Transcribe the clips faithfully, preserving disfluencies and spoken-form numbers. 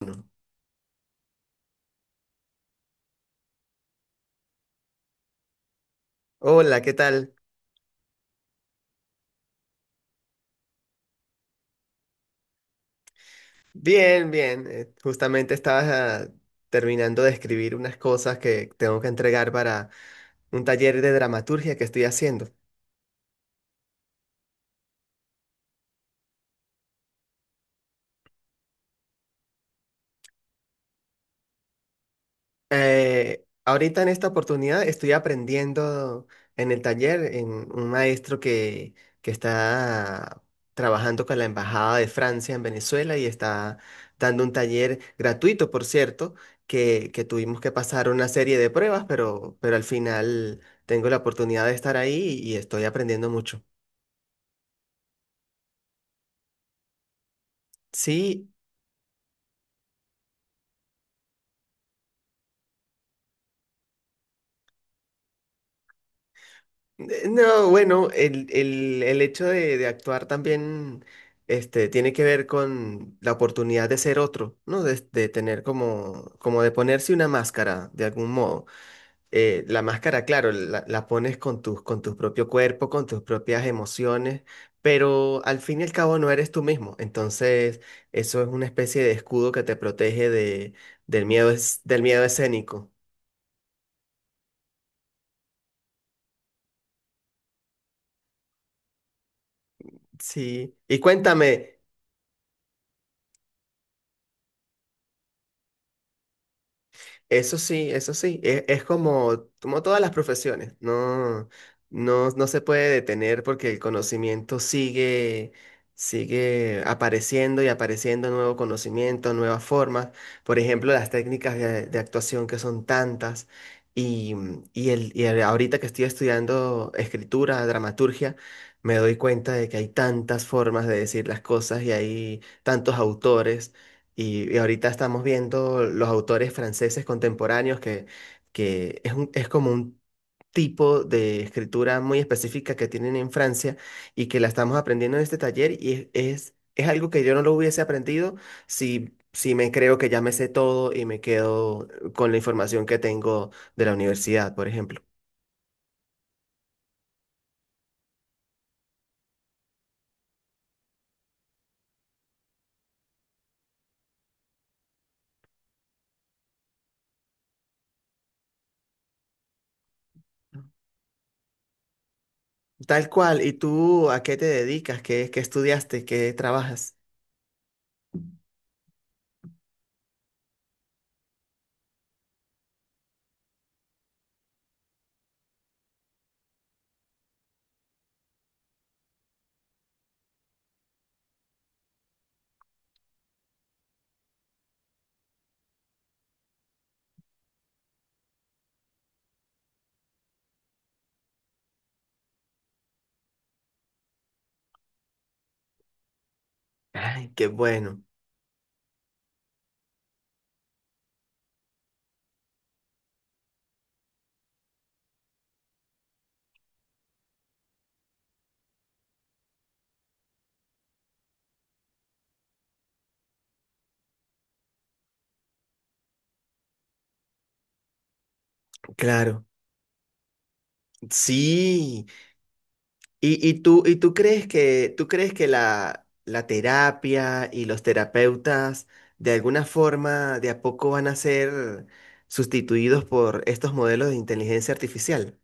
Uno. Hola, ¿qué tal? Bien, bien. Eh, justamente estaba ah, terminando de escribir unas cosas que tengo que entregar para un taller de dramaturgia que estoy haciendo. Eh, ahorita en esta oportunidad estoy aprendiendo en el taller en un maestro que, que está trabajando con la Embajada de Francia en Venezuela y está dando un taller gratuito, por cierto, que, que tuvimos que pasar una serie de pruebas, pero, pero al final tengo la oportunidad de estar ahí y y estoy aprendiendo mucho. Sí. Eh, No, bueno, el, el, el hecho de, de actuar también este, tiene que ver con la oportunidad de ser otro, ¿no? De, de tener como, como de ponerse una máscara de algún modo. Eh, la máscara, claro, la, la pones con tus, con tu propio cuerpo, con tus propias emociones, pero al fin y al cabo no eres tú mismo. Entonces, eso es una especie de escudo que te protege de, del miedo, es- del miedo escénico. Sí. Y cuéntame. Eso sí, eso sí, es, es como, como todas las profesiones, no, no, no se puede detener porque el conocimiento sigue, sigue apareciendo y apareciendo nuevo conocimiento, nuevas formas, por ejemplo, las técnicas de, de actuación que son tantas y, y, el, y el- ahorita que estoy estudiando escritura, dramaturgia, me doy cuenta de que hay tantas formas de decir las cosas y hay tantos autores. Y, y ahorita estamos viendo los autores franceses contemporáneos que, que es un- es como un tipo de escritura muy específica que tienen en Francia y que la estamos aprendiendo en este taller y es, es algo que yo no lo hubiese aprendido si, si me creo que ya me sé todo y me quedo con la información que tengo de la universidad, por ejemplo. Tal cual, ¿y tú a qué te dedicas? ¿Qué, qué estudiaste? ¿Qué trabajas? Ay, qué bueno. Claro. Sí. ¿Y, y tú, Y tú crees que, tú crees que la, la terapia y los terapeutas de alguna forma de a poco van a ser sustituidos por estos modelos de inteligencia artificial?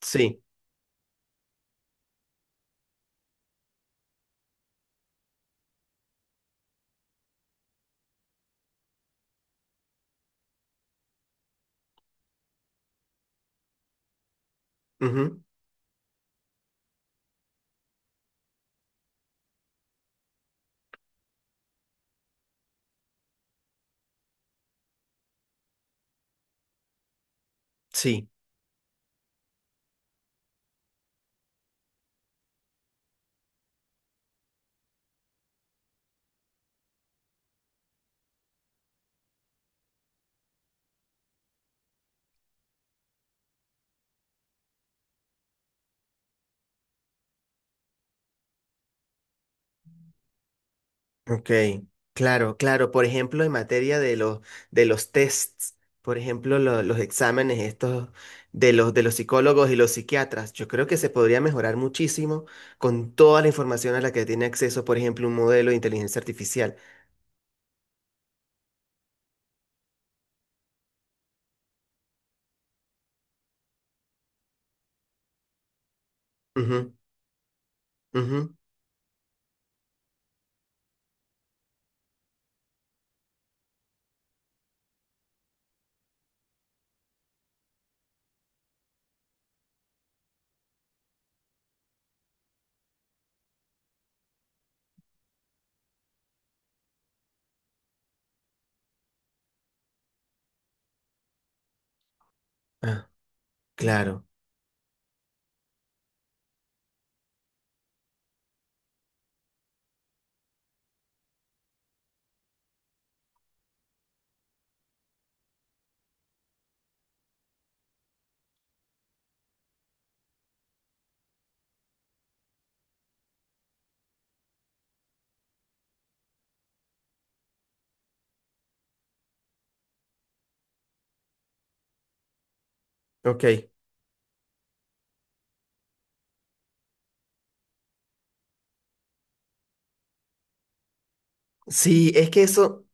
Sí, ujú. Sí, ok, claro, claro. Por ejemplo, en materia de los, de los tests, por ejemplo, lo- los exámenes estos de los, de los psicólogos y los psiquiatras, yo creo que se podría mejorar muchísimo con toda la información a la que tiene acceso, por ejemplo, un modelo de inteligencia artificial. Ujú, ujú. Ah, claro, ok. Sí, es que eso,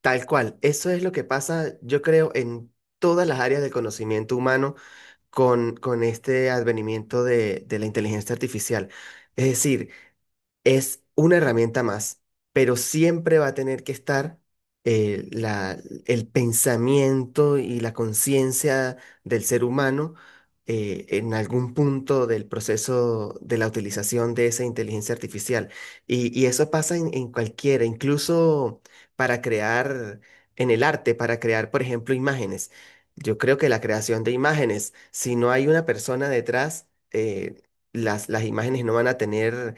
tal cual, eso es lo que pasa, yo creo, en todas las áreas del conocimiento humano con, con este advenimiento de, de la inteligencia artificial. Es decir, es una herramienta más, pero siempre va a tener que estar eh, la- el pensamiento y la conciencia del ser humano eh, en algún punto del proceso de la utilización de esa inteligencia artificial. Y, y eso pasa en, en cualquiera, incluso para crear en el arte, para crear, por ejemplo, imágenes. Yo creo que la creación de imágenes, si no hay una persona detrás, eh, las, las imágenes no van a tener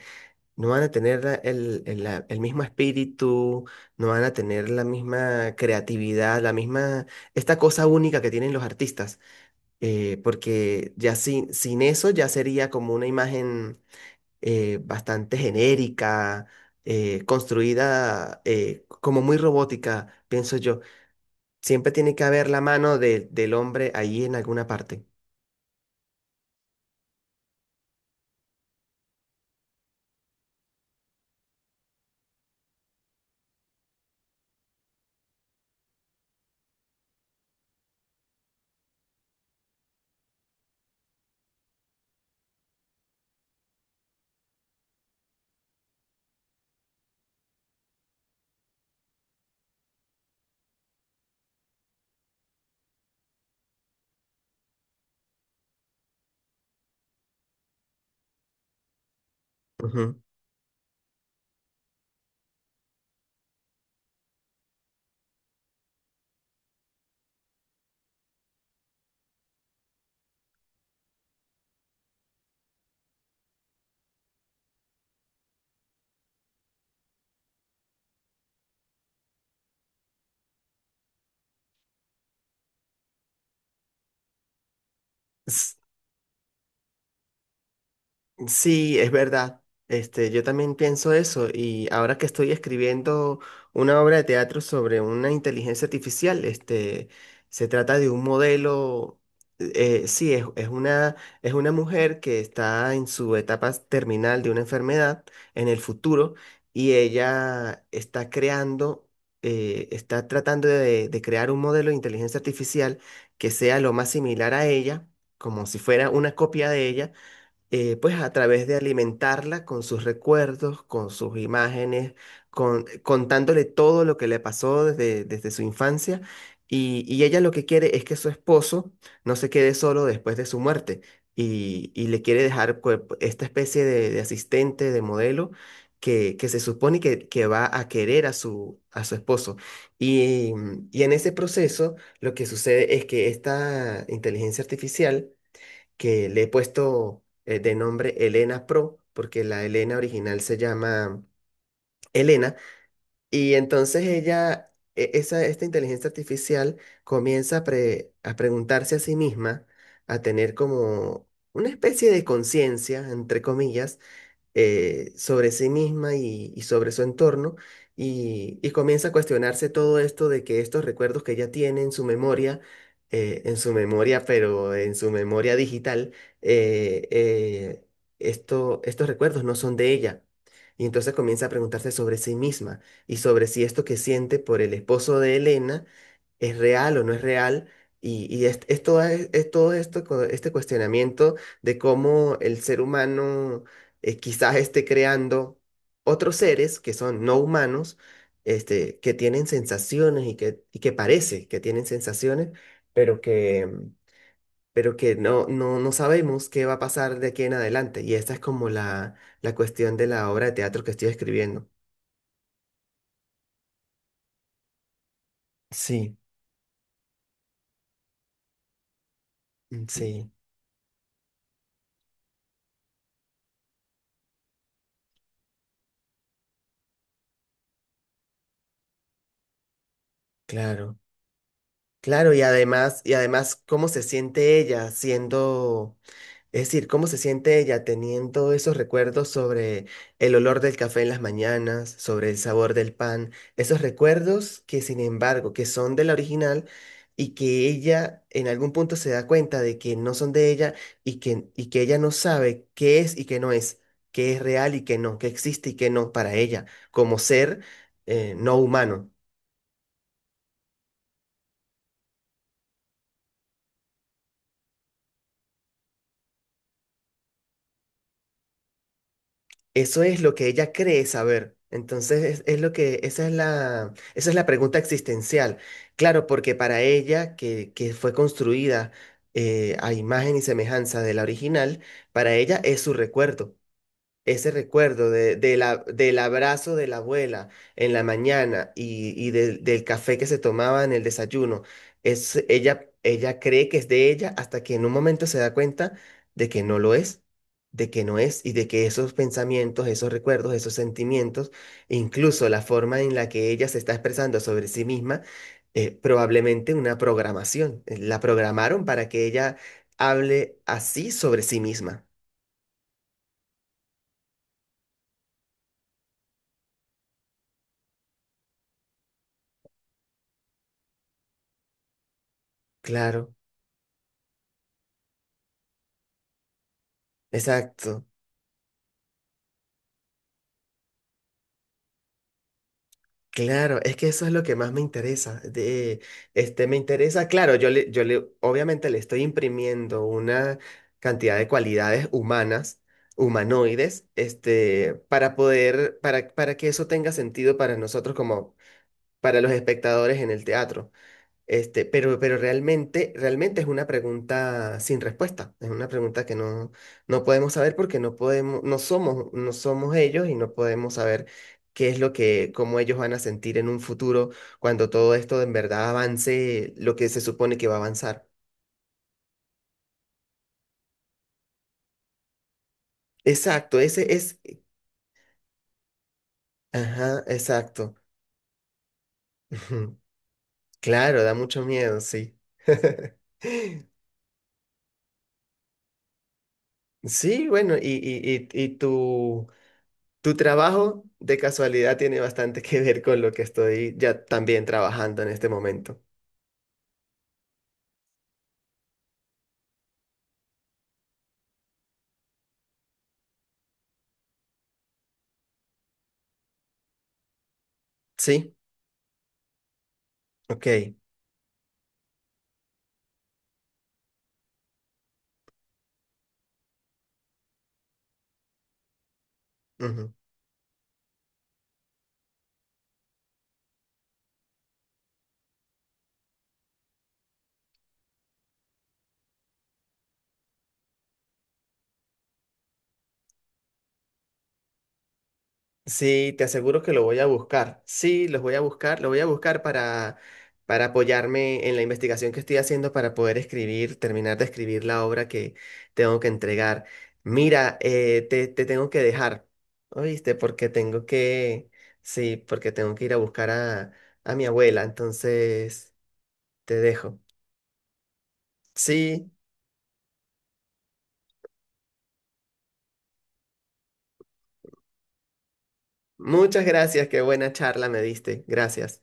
no van a tener la- el, el- la- el mismo espíritu, no van a tener la misma creatividad, la misma, esta cosa única que tienen los artistas, eh, porque ya sin, sin eso ya sería como una imagen eh, bastante genérica, eh, construida eh, como muy robótica, pienso yo. Siempre tiene que haber la mano de- del hombre ahí en alguna parte. Ujú. Sí, es verdad. Este, yo también pienso eso y ahora que estoy escribiendo una obra de teatro sobre una inteligencia artificial, este, se trata de un modelo. Eh, sí, es, es una, es una mujer que está en su etapa terminal de una enfermedad en el futuro y ella está creando, eh, está tratando de, de crear un modelo de inteligencia artificial que sea lo más similar a ella, como si fuera una copia de ella, eh, pues a través de alimentarla con sus recuerdos, con sus imágenes, con, contándole todo lo que le pasó desde, desde su infancia. Y, y ella lo que quiere es que su esposo no se quede solo después de su muerte y, y le quiere dejar pues, esta especie de, de asistente, de modelo. Que, que se supone que, que va a querer a su, a su esposo. Y, y en ese proceso lo que sucede es que esta inteligencia artificial que le he puesto eh, de nombre Elena Pro, porque la Elena original se llama Elena, y entonces ella, e- esa, esta inteligencia artificial comienza a, pre- a preguntarse a sí misma, a tener como una especie de conciencia, entre comillas, eh, sobre sí misma y, y sobre su entorno y, y comienza a cuestionarse todo esto de que estos recuerdos que ella tiene en su memoria, eh, en su memoria, pero en su memoria digital, eh, eh, esto, estos recuerdos no son de ella. Y entonces comienza a preguntarse sobre sí misma y sobre si esto que siente por el esposo de Elena es real o no es real. Y, y es, es toda- es todo esto, co- este cuestionamiento de cómo el ser humano eh, quizás esté creando otros seres que son no humanos, este, que tienen sensaciones y que, y que parece que tienen sensaciones, pero que, mm, pero que no, no, no sabemos qué va a pasar de aquí en adelante. Y esta es como la, la cuestión de la obra de teatro que estoy escribiendo. Sí. Mm, sí, claro. Claro, y además, y además cómo se siente ella siendo Es decir, ¿cómo se siente ella teniendo esos recuerdos sobre el olor del café en las mañanas, sobre el sabor del pan? Esos recuerdos que, sin embargo, que son de la original y que ella en algún punto se da cuenta de que no son de ella y que, y que ella no sabe qué es y qué no es, qué es real y qué no, qué existe y qué no para ella como ser eh, no humano. Eso es lo que ella cree saber. Entonces, es, es lo que, esa es la, esa es la pregunta existencial. Claro, porque para ella, que, que fue construida eh, a imagen y semejanza de la original, para ella es su recuerdo ese recuerdo de, de la, del abrazo de la abuela en la mañana y, y del del café que se tomaba en el desayuno, es, ella, ella cree que es de ella hasta que en un momento se da cuenta de que no lo es, de que no es y de que esos pensamientos, esos recuerdos, esos sentimientos, incluso la forma en la que ella se está expresando sobre sí misma, eh, probablemente una programación. eh, La programaron para que ella hable así sobre sí misma. Claro, exacto. Claro, es que eso es lo que más me interesa. De, este, me interesa, claro, yo le, yo le, obviamente le estoy imprimiendo una cantidad de cualidades humanas, humanoides, este, para poder, para, para que eso tenga sentido para nosotros como para los espectadores en el teatro. Este, pero, pero realmente, realmente es una pregunta sin respuesta. Es una pregunta que no, no podemos saber porque no podemos, no somos, no somos ellos y no podemos saber qué es lo que, cómo ellos van a sentir en un futuro cuando todo esto en verdad avance lo que se supone que va a avanzar. Exacto, ese es. Ajá, exacto. Ujú. Claro, da mucho miedo, sí. Sí, bueno, y, y, y, y tu tu trabajo de casualidad tiene bastante que ver con lo que estoy ya también trabajando en este momento. Sí, ok. Ujú. Sí, te aseguro que lo voy a buscar. Sí, los voy a buscar, lo voy a buscar para, para apoyarme en la investigación que estoy haciendo para poder escribir, terminar de escribir la obra que tengo que entregar. Mira, eh, te, te tengo que dejar, ¿oíste? Porque tengo que, sí, porque tengo que ir a buscar a, a mi abuela, entonces te dejo. Sí. Muchas gracias, qué buena charla me diste. Gracias.